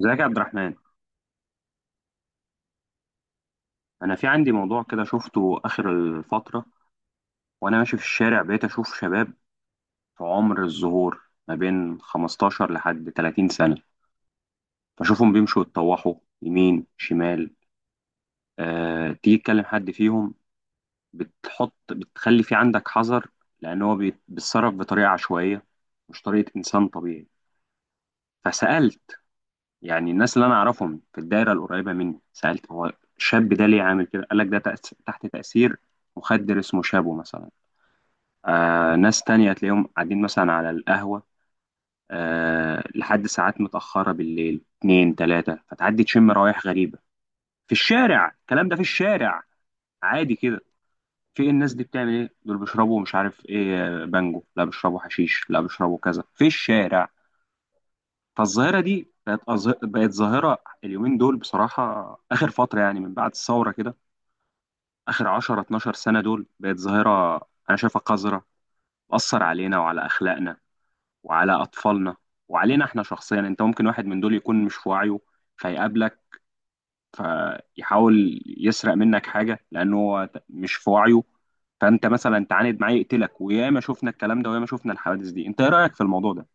ازيك يا عبد الرحمن؟ انا في عندي موضوع كده شفته اخر الفتره وانا ماشي في الشارع بقيت اشوف شباب في عمر الزهور ما بين 15 لحد 30 سنه. بشوفهم بيمشوا يتطوحوا يمين شمال. تيجي تكلم حد فيهم، بتخلي في عندك حذر لان هو بيتصرف بطريقه عشوائيه، مش طريقه انسان طبيعي. فسالت، يعني الناس اللي انا اعرفهم في الدايره القريبه مني، سالت: هو الشاب ده ليه عامل كده؟ قال لك: ده تحت تاثير مخدر اسمه شابو مثلا. ناس تانية تلاقيهم قاعدين مثلا على القهوة، لحد ساعات متأخرة بالليل، اتنين تلاتة، فتعدي تشم روايح غريبة في الشارع. الكلام ده في الشارع عادي كده. في الناس دي بتعمل ايه؟ دول بيشربوا مش عارف ايه، بانجو، لا بيشربوا حشيش، لا بيشربوا كذا، في الشارع. فالظاهرة دي بقت ظاهرة اليومين دول بصراحة، آخر فترة يعني من بعد الثورة كده، آخر 10 12 سنة، دول بقت ظاهرة. أنا شايفها قذرة، بتأثر علينا وعلى أخلاقنا وعلى أطفالنا، وعلينا إحنا شخصيا. أنت ممكن واحد من دول يكون مش في وعيه، فيقابلك، فيحاول يسرق منك حاجة لأنه هو مش في وعيه، فأنت مثلا تعاند معاه يقتلك. وياما شفنا الكلام ده، وياما شفنا الحوادث دي. أنت إيه رأيك في الموضوع ده؟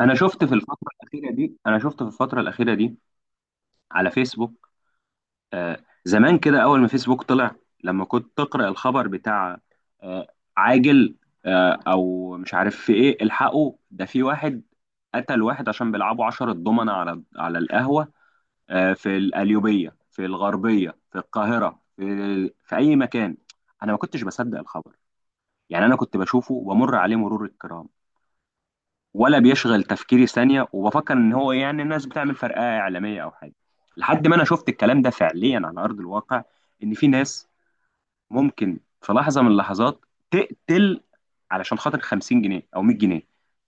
أنا شفت في الفترة الأخيرة دي على فيسبوك. زمان كده، اول ما فيسبوك طلع، لما كنت تقرأ الخبر بتاع آه، عاجل، او مش عارف في ايه، الحقوا ده في واحد قتل واحد عشان بيلعبوا عشرة ضمنة على القهوة، في القليوبية، في الغربية، في القاهرة، في اي مكان، انا ما كنتش بصدق الخبر. يعني انا كنت بشوفه وبمر عليه مرور الكرام، ولا بيشغل تفكيري ثانية، وبفكر ان هو يعني الناس بتعمل فرقعة اعلامية او حاجة، لحد ما انا شفت الكلام ده فعليا على ارض الواقع، ان في ناس ممكن في لحظة من اللحظات تقتل علشان خاطر 50 جنيه او 100 جنيه.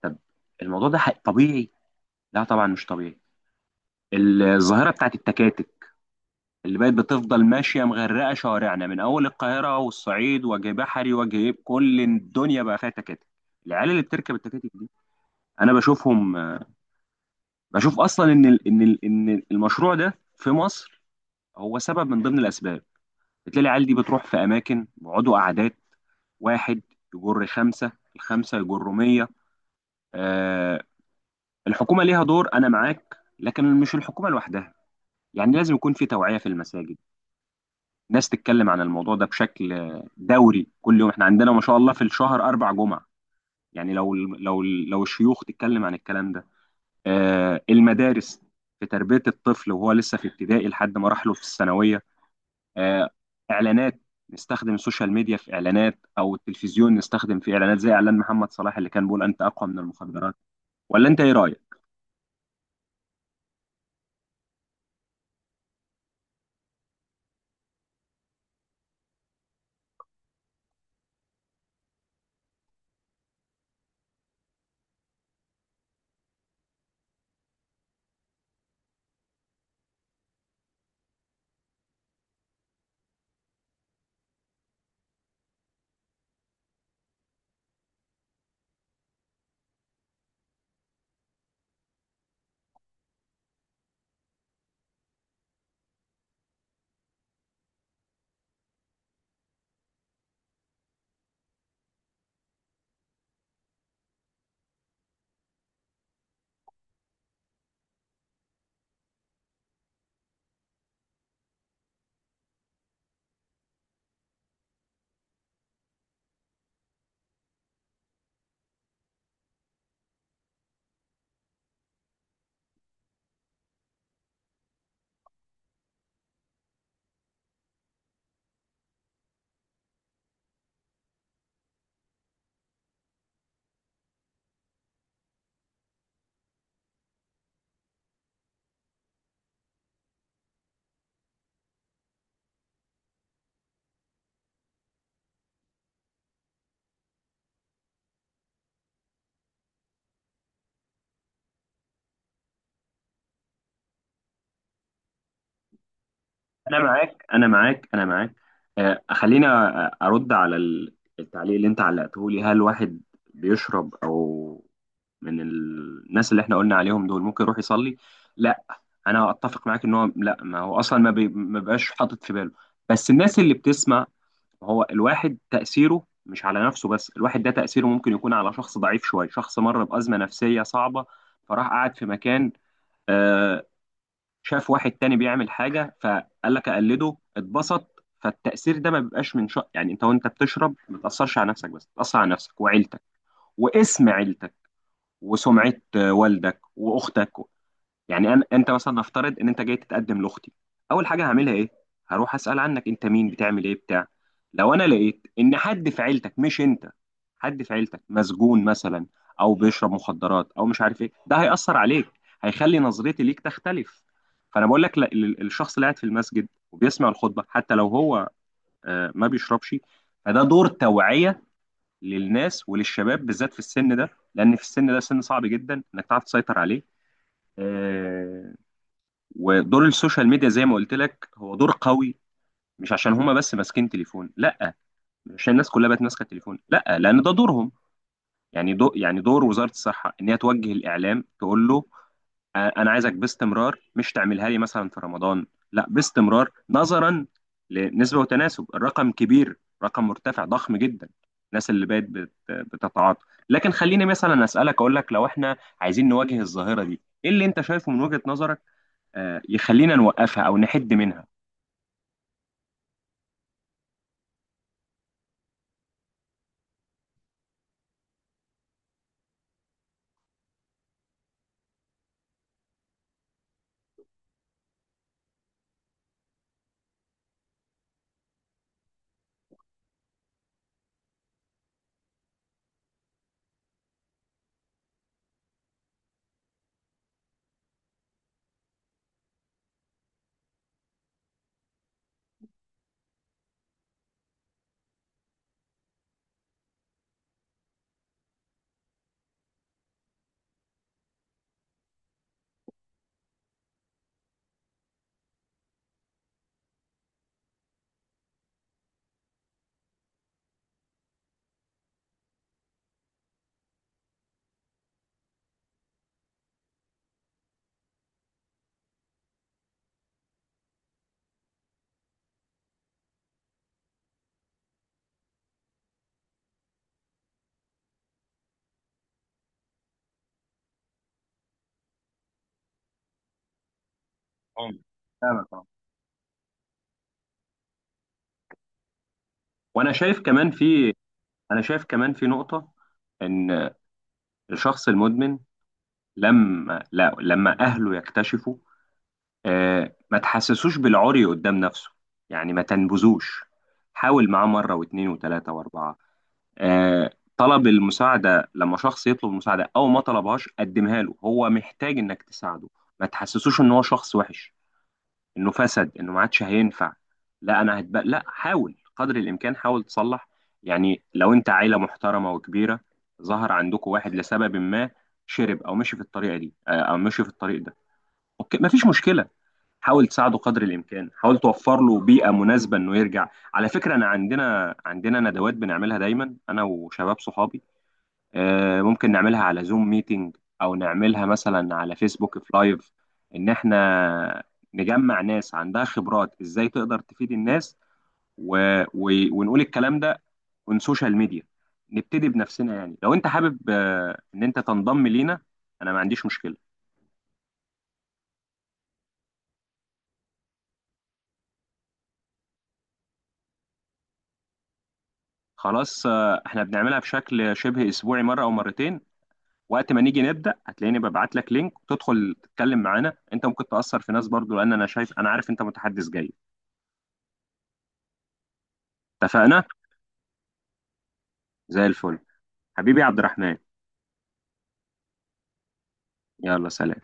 طب الموضوع ده طبيعي؟ لا طبعا مش طبيعي. الظاهرة بتاعت التكاتك اللي بقت بتفضل ماشية مغرقة شوارعنا، من أول القاهرة والصعيد، وجه بحري وجه، كل الدنيا بقى فيها تكاتك. العيال اللي بتركب التكاتك دي، أنا بشوفهم. بشوف اصلا ان ال ان ال ان المشروع ده في مصر هو سبب من ضمن الاسباب. بتلاقي العيال دي بتروح في اماكن بيقعدوا قعدات، واحد يجر خمسه، الخمسه يجروا 100. آه الحكومه ليها دور، انا معاك، لكن مش الحكومه لوحدها. يعني لازم يكون في توعيه في المساجد، ناس تتكلم عن الموضوع ده بشكل دوري، كل يوم. احنا عندنا ما شاء الله في الشهر اربع جمعه، يعني لو الشيوخ تتكلم عن الكلام ده. المدارس، في تربية الطفل وهو لسه في ابتدائي لحد مراحله في الثانوية. آه، إعلانات، نستخدم السوشيال ميديا في إعلانات، أو التلفزيون نستخدم في إعلانات، زي إعلان محمد صلاح اللي كان بيقول: أنت أقوى من المخدرات. ولا أنت إيه رأيك؟ أنا معاك، أنا معاك، أنا معاك. خلينا أرد على التعليق اللي أنت علقته لي. هل واحد بيشرب، أو من الناس اللي احنا قلنا عليهم دول، ممكن يروح يصلي؟ لا. انا اتفق معاك ان هو لا، ما هو اصلا ما بيبقاش حاطط في باله. بس الناس اللي بتسمع، هو الواحد تاثيره مش على نفسه بس، الواحد ده تاثيره ممكن يكون على شخص ضعيف شويه، شخص مر بازمه نفسيه صعبه، فراح قعد في مكان، آه، شاف واحد تاني بيعمل حاجه فقال لك اقلده، اتبسط. فالتاثير ده ما بيبقاش من شخص. يعني انت وانت بتشرب ما تاثرش على نفسك بس، تاثر على نفسك وعيلتك، واسم عيلتك وسمعه، والدك واختك. يعني أنا أنت مثلا، نفترض إن أنت جاي تتقدم لأختي، أول حاجة هعملها إيه؟ هروح أسأل عنك أنت مين، بتعمل إيه، بتاع. لو أنا لقيت إن حد في عيلتك، مش أنت، حد في عيلتك مسجون مثلا، أو بيشرب مخدرات، أو مش عارف إيه، ده هيأثر عليك، هيخلي نظرتي ليك تختلف. فأنا بقول لك لا، الشخص اللي قاعد في المسجد وبيسمع الخطبة، حتى لو هو ما بيشربش، فده دور توعية للناس وللشباب، بالذات في السن ده، لأن في السن ده سن صعب جدا إنك تعرف تسيطر عليه. آه، ودور السوشيال ميديا زي ما قلت لك، هو دور قوي. مش عشان هما بس ماسكين تليفون، لا، مش عشان الناس كلها بقت ماسكه تليفون، لا، لان ده دورهم. يعني دو يعني دور وزاره الصحه ان هي توجه الاعلام، تقول له: انا عايزك باستمرار، مش تعملها لي مثلا في رمضان، لا، باستمرار، نظرا لنسبه وتناسب، الرقم كبير، رقم مرتفع، ضخم جدا، الناس اللي بقت بتتعاطى. لكن خليني مثلا اسالك، اقول لك: لو احنا عايزين نواجه الظاهره دي، ايه اللي انت شايفه من وجهه نظرك يخلينا نوقفها او نحد منها؟ اه، فاهمك، اه. وانا شايف كمان في انا شايف كمان في نقطة، ان الشخص المدمن، لما لا لما اهله يكتشفوا، ما تحسسوش بالعري قدام نفسه، يعني ما تنبذوش. حاول معاه مرة واثنين وثلاثة واربعة، آه، طلب المساعدة. لما شخص يطلب مساعدة، او ما طلبهاش، قدمها له، هو محتاج انك تساعده. ما تحسسوش ان هو شخص وحش، انه فسد، انه ما عادش هينفع، لا. انا هتبقى لا، حاول قدر الامكان، حاول تصلح. يعني لو انت عيله محترمه وكبيره، ظهر عندكم واحد لسبب ما، شرب او مشي في الطريقه دي، او مشي في الطريق ده، اوكي، مفيش مشكله، حاول تساعده قدر الامكان، حاول توفر له بيئه مناسبه انه يرجع. على فكره، انا عندنا ندوات بنعملها دايما، انا وشباب صحابي، ممكن نعملها على زوم ميتنج، او نعملها مثلا على فيسبوك في لايف، ان احنا نجمع ناس عندها خبرات، ازاي تقدر تفيد الناس، و... ونقول الكلام ده on سوشيال ميديا. نبتدي بنفسنا. يعني لو انت حابب ان انت تنضم لينا، انا ما عنديش مشكلة. خلاص، احنا بنعملها بشكل شبه اسبوعي، مرة او مرتين، وقت ما نيجي نبدأ هتلاقيني ببعت لك لينك، وتدخل تتكلم معانا. انت ممكن تأثر في ناس برضو، لان انا شايف، انا عارف انت متحدث جيد. اتفقنا؟ زي الفل. حبيبي عبد الرحمن، يلا سلام.